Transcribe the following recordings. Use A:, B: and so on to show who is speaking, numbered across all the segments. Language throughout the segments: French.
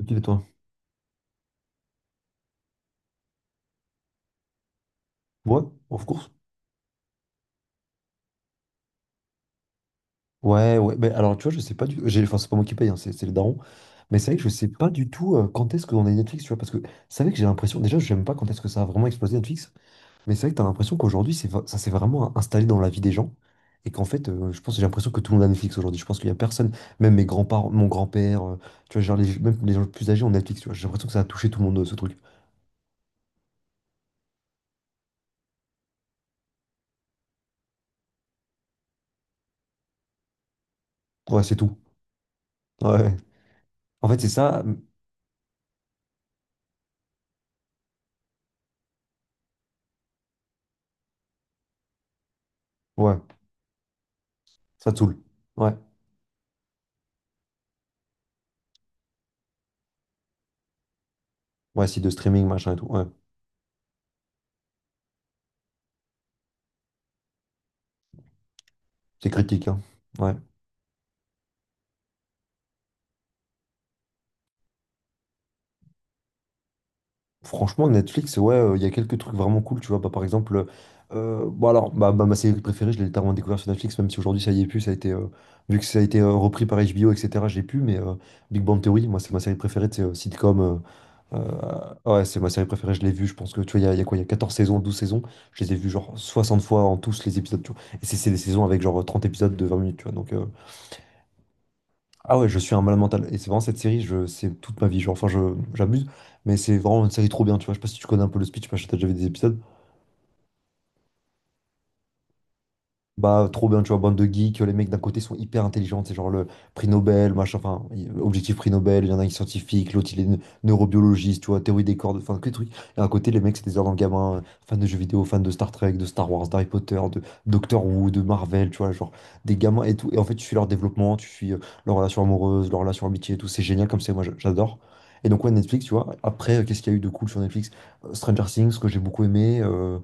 A: Ok, et toi? Ouais, of course. Ouais. Mais alors, tu vois, je sais pas du tout. Enfin, c'est pas moi qui paye, hein, c'est le daron. Mais c'est vrai que je sais pas du tout quand est-ce que on a Netflix, tu vois. Parce que c'est vrai que j'ai l'impression. Déjà, j'aime pas quand est-ce que ça a vraiment explosé Netflix. Mais c'est vrai que t'as l'impression qu'aujourd'hui, ça s'est vraiment installé dans la vie des gens. Et qu'en fait, je pense j'ai l'impression que tout le monde a Netflix aujourd'hui. Je pense qu'il y a personne, même mes grands-parents, mon grand-père, tu vois, genre les, même les gens plus âgés ont Netflix, tu vois. J'ai l'impression que ça a touché tout le monde, ce truc. Ouais, c'est tout. Ouais. En fait, c'est ça. Ouais, ça te saoule. Ouais. Ouais, si de streaming, machin et tout. Ouais. C'est critique, hein. Ouais. Franchement, Netflix, ouais, il y a quelques trucs vraiment cool, tu vois. Bah, par exemple, bon alors, ma série préférée, je l'ai littéralement découvert sur Netflix, même si aujourd'hui ça y est plus, ça a été, vu que ça a été repris par HBO, etc. J'ai pu, mais Big Bang Theory, moi, c'est ma série préférée, c'est sitcom. Ouais, c'est ma série préférée, je l'ai vue, je pense que, tu vois, il y a quoi, il y a 14 saisons, 12 saisons, je les ai vues genre 60 fois en tous les épisodes, tu vois. Et c'est des saisons avec genre 30 épisodes de 20 minutes, tu vois. Donc, ah ouais, je suis un malade mental. Et c'est vraiment cette série, je, c'est toute ma vie. Genre, j'abuse, mais c'est vraiment une série trop bien, tu vois. Je sais pas si tu connais un peu le speech, parce que t'as déjà vu des épisodes. Bah, trop bien, tu vois, bande de geeks, les mecs d'un côté sont hyper intelligents, c'est genre le prix Nobel, machin, enfin, objectif prix Nobel, il y en a un qui est scientifique, l'autre il est neurobiologiste, tu vois, théorie des cordes, enfin, que des trucs. Et à côté, les mecs, c'est des dans le gamin, fans de jeux vidéo, fans de Star Trek, de Star Wars, d'Harry Potter, de Doctor Who, de Marvel, tu vois, genre, des gamins et tout. Et en fait, tu suis leur développement, tu suis leur relation amoureuse, leur relation amitié et tout, c'est génial comme c'est, moi, j'adore. Et donc, ouais, Netflix, tu vois, après, qu'est-ce qu'il y a eu de cool sur Netflix? Stranger Things, que j'ai beaucoup aimé,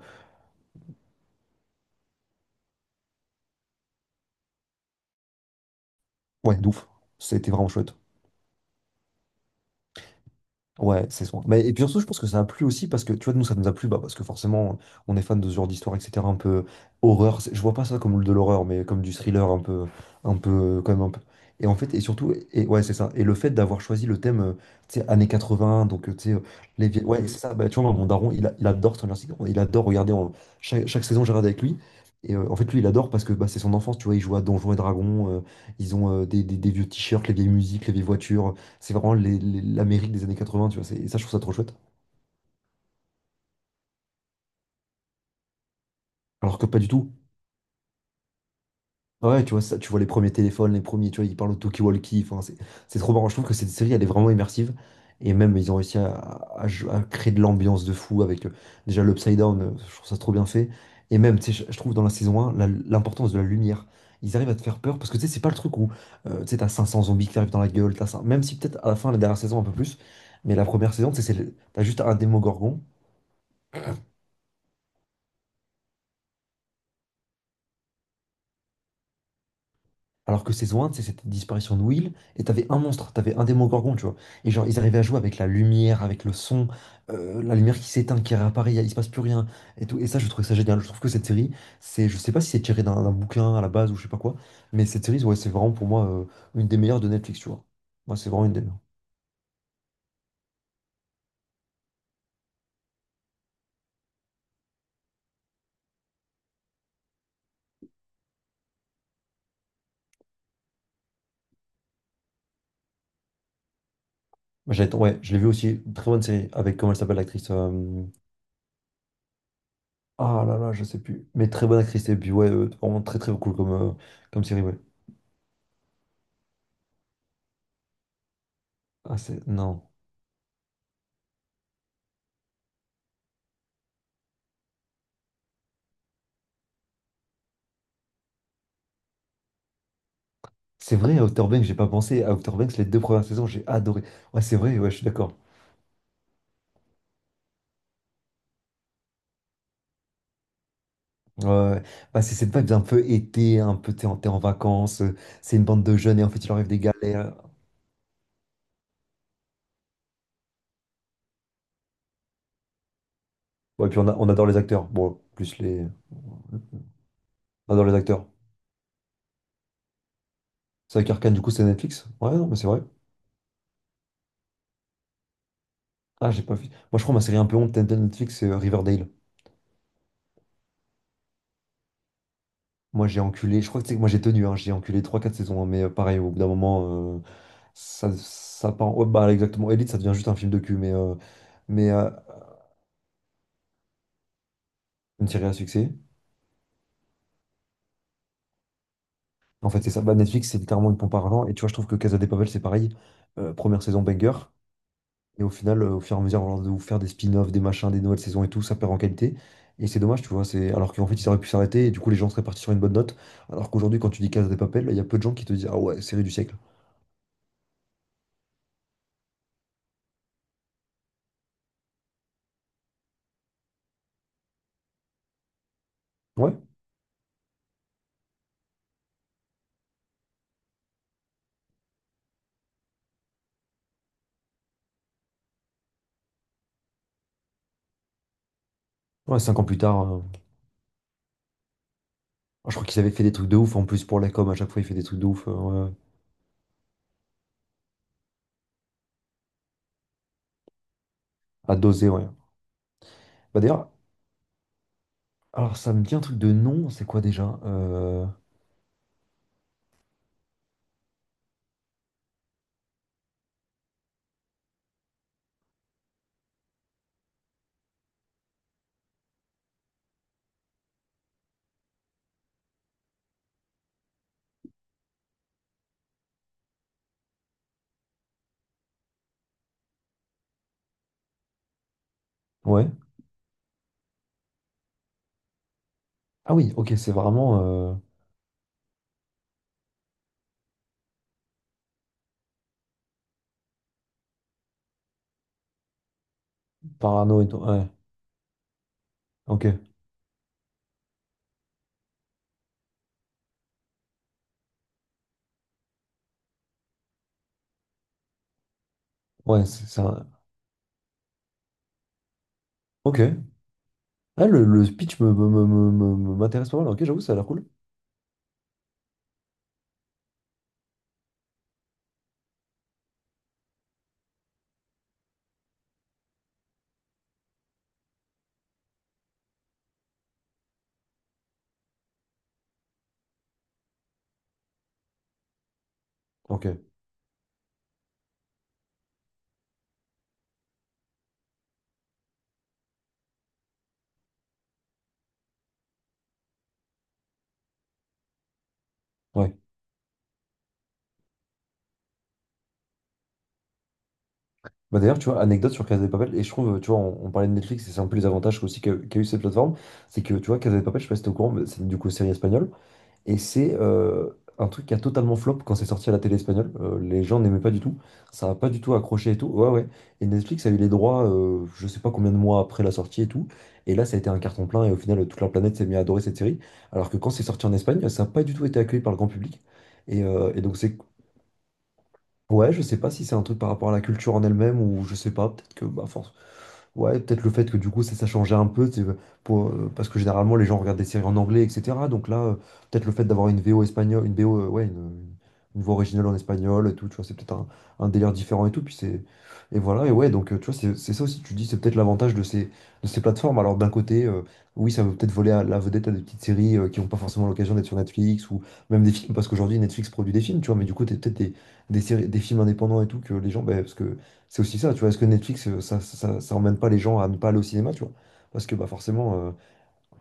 A: ouais, de ouf, ça a été vraiment chouette. Ouais, c'est ça. Mais, et puis surtout, je pense que ça a plu aussi parce que, tu vois, nous, ça nous a plu bah, parce que forcément, on est fan de ce genre d'histoire, etc. Un peu horreur. Je vois pas ça comme de l'horreur, mais comme du thriller, un peu, quand même un peu. Et en fait, et surtout, et ouais, c'est ça. Et le fait d'avoir choisi le thème, tu sais, années 80, donc, les vieilles. Ouais, c'est ça. Bah, tu vois, moi, mon daron, il adore Stranger Things. Il adore regarder. Chaque saison, je regarde avec lui. Et en fait, lui, il adore parce que bah, c'est son enfance, tu vois. Il joue à Donjons et Dragons. Ils ont des vieux t-shirts, les vieilles musiques, les vieilles voitures. C'est vraiment l'Amérique des années 80, tu vois. Et ça, je trouve ça trop chouette. Alors que pas du tout. Ah ouais, tu vois, ça, tu vois les premiers téléphones, les premiers, tu vois, ils parlent au talkie-walkie. Enfin, c'est trop marrant. Je trouve que cette série, elle est vraiment immersive. Et même, ils ont réussi à créer de l'ambiance de fou avec déjà l'Upside Down. Je trouve ça trop bien fait. Et même, tu sais, je trouve dans la saison 1, l'importance de la lumière. Ils arrivent à te faire peur parce que tu sais, c'est pas le truc où tu sais, t'as 500 zombies qui t'arrivent dans la gueule. Même si peut-être à la fin, la dernière saison, un peu plus. Mais la première saison, tu sais, t'as juste un démogorgon. Alors que saison 1, c'est cette disparition de Will, et t'avais un monstre, t'avais un démon-gorgon, tu vois. Et genre, ils arrivaient à jouer avec la lumière, avec le son, la lumière qui s'éteint, qui réapparaît, il se passe plus rien, et tout. Et ça, je trouvais ça génial. Je trouve que cette série, c'est, je sais pas si c'est tiré d'un bouquin à la base ou je sais pas quoi, mais cette série, ouais, c'est vraiment pour moi une des meilleures de Netflix, tu vois. Moi, c'est vraiment une des meilleures. Ouais, je l'ai vu aussi, très bonne série, avec comment elle s'appelle l'actrice. Ah là là, je sais plus. Mais très bonne actrice, et puis ouais, vraiment très très cool comme, comme série, ouais. Ah, c'est... Non. C'est vrai, à Outer Banks, j'ai pas pensé. À Outer Banks, les deux premières saisons, j'ai adoré. Ouais, c'est vrai, ouais, je suis d'accord. Ouais, ouais. Bah, c'est cette vibe un peu été, un peu t'es en vacances, c'est une bande de jeunes et en fait il leur arrive des galères. On adore les acteurs. Bon, plus les. On adore les acteurs. C'est vrai qu'Arcane, du coup, c'est Netflix? Ouais, non, mais c'est vrai. Ah, j'ai pas vu. Moi, je crois ma série un peu honte de Netflix, c'est Riverdale. Moi, j'ai enculé. Je crois que c'est que moi, j'ai tenu, hein, j'ai enculé trois quatre saisons, hein, mais pareil, au bout d'un moment, ça part. Ouais, bah, exactement. Elite, ça devient juste un film de cul, mais une série à succès. En fait, c'est ça. Bah, Netflix, c'est littéralement une pompe à argent. Et tu vois, je trouve que Casa de Papel, c'est pareil. Première saison banger. Et au final, au fur et à mesure genre, de vous faire des spin-offs, des machins, des nouvelles saisons et tout, ça perd en qualité. Et c'est dommage, tu vois. C'est... Alors qu'en fait, ils auraient pu s'arrêter et du coup, les gens seraient partis sur une bonne note. Alors qu'aujourd'hui, quand tu dis Casa de Papel, il y a peu de gens qui te disent ah ouais, série du siècle. Ouais. Ouais, 5 ans plus tard, ah, je crois qu'ils avaient fait des trucs de ouf. En plus, pour la com, à chaque fois, ils font des trucs de ouf. Ouais. À doser, ouais. Bah d'ailleurs, alors ça me dit un truc de nom, c'est quoi déjà? Ouais. Ah oui, ok, c'est vraiment parano et tout. Ouais. Ok. Ouais, c'est un... Ok. Ah, le speech m'intéresse pas mal. Ok, j'avoue, ça a l'air cool. Ok. Ouais. Bah d'ailleurs, tu vois, anecdote sur Casa de Papel, et je trouve, tu vois, on parlait de Netflix, et c'est un peu les avantages aussi qu'a eu cette plateforme, c'est que, tu vois, Casa de Papel, je sais pas si t'es au courant, mais c'est du coup série espagnole. Et c'est un truc qui a totalement flop quand c'est sorti à la télé espagnole. Les gens n'aimaient pas du tout. Ça n'a pas du tout accroché et tout. Ouais, ouais. Et Netflix a eu les droits, je sais pas combien de mois après la sortie et tout. Et là, ça a été un carton plein. Et au final, toute la planète s'est mise à adorer cette série. Alors que quand c'est sorti en Espagne, ça n'a pas du tout été accueilli par le grand public. Et donc, c'est ouais, je sais pas si c'est un truc par rapport à la culture en elle-même ou je sais pas, peut-être que bah force. Ouais, peut-être le fait que du coup ça changeait un peu, c'est pour, parce que généralement les gens regardent des séries en anglais, etc. Donc là, peut-être le fait d'avoir une VO espagnole, une VO, ouais, une voix originale en espagnol et tout, tu vois, c'est peut-être un délire différent et tout, puis c'est. Et voilà, et ouais, donc tu vois, c'est ça aussi, tu dis, c'est peut-être l'avantage de ces plateformes. Alors d'un côté, oui, ça veut peut-être voler à la vedette à des petites séries qui n'ont pas forcément l'occasion d'être sur Netflix ou même des films, parce qu'aujourd'hui Netflix produit des films, tu vois, mais du coup, t'as peut-être des séries, des films indépendants et tout, que les gens, ben, parce que c'est aussi ça, tu vois, est-ce que Netflix, ça emmène pas les gens à ne pas aller au cinéma, tu vois? Parce que bah, forcément,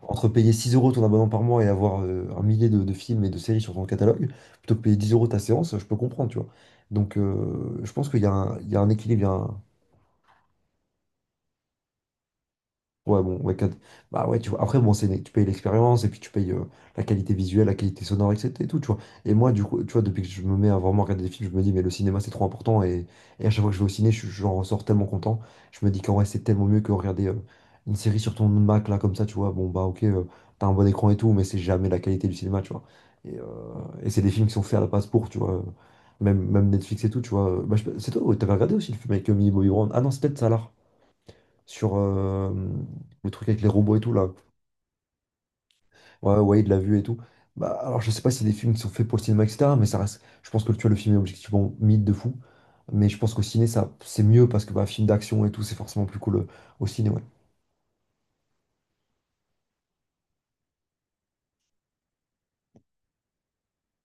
A: entre payer 6 euros ton abonnement par mois et avoir un millier de films et de séries sur ton catalogue, plutôt que payer 10 euros ta séance, je peux comprendre, tu vois. Donc, je pense qu'il y a un, il y a un équilibre, il y a un, ouais, bon, ouais, quatre- bah ouais, tu vois. Après, bon, c'est tu payes l'expérience et puis tu payes la qualité visuelle, la qualité sonore, etc. et tout, tu vois. Et moi, du coup, tu vois, depuis que je me mets à vraiment regarder des films, je me dis, mais le cinéma, c'est trop important. Et à chaque fois que je vais au ciné, j'en ressors tellement content. Je me dis qu'en vrai, c'est tellement mieux que regarder une série sur ton Mac, là, comme ça, tu vois. Bon, bah, ok, t'as un bon écran et tout, mais c'est jamais la qualité du cinéma, tu vois. Et, euh, et c'est des films qui sont faits à la passe pour, tu vois. Même, même Netflix et tout, tu vois. Bah, c'est toi, ouais, t'avais regardé aussi le film avec Millie Bobby Brown. Ah non, c'est peut-être Salah sur le truc avec les robots et tout, là. Ouais, Wade l'a vu et tout. Bah, alors, je sais pas si des films qui sont faits pour le cinéma, etc., mais ça reste. Je pense que tu vois, le film est objectivement mythe de fou. Mais je pense qu'au ciné, ça, c'est mieux parce que bah, film d'action et tout, c'est forcément plus cool au ciné. Ouais.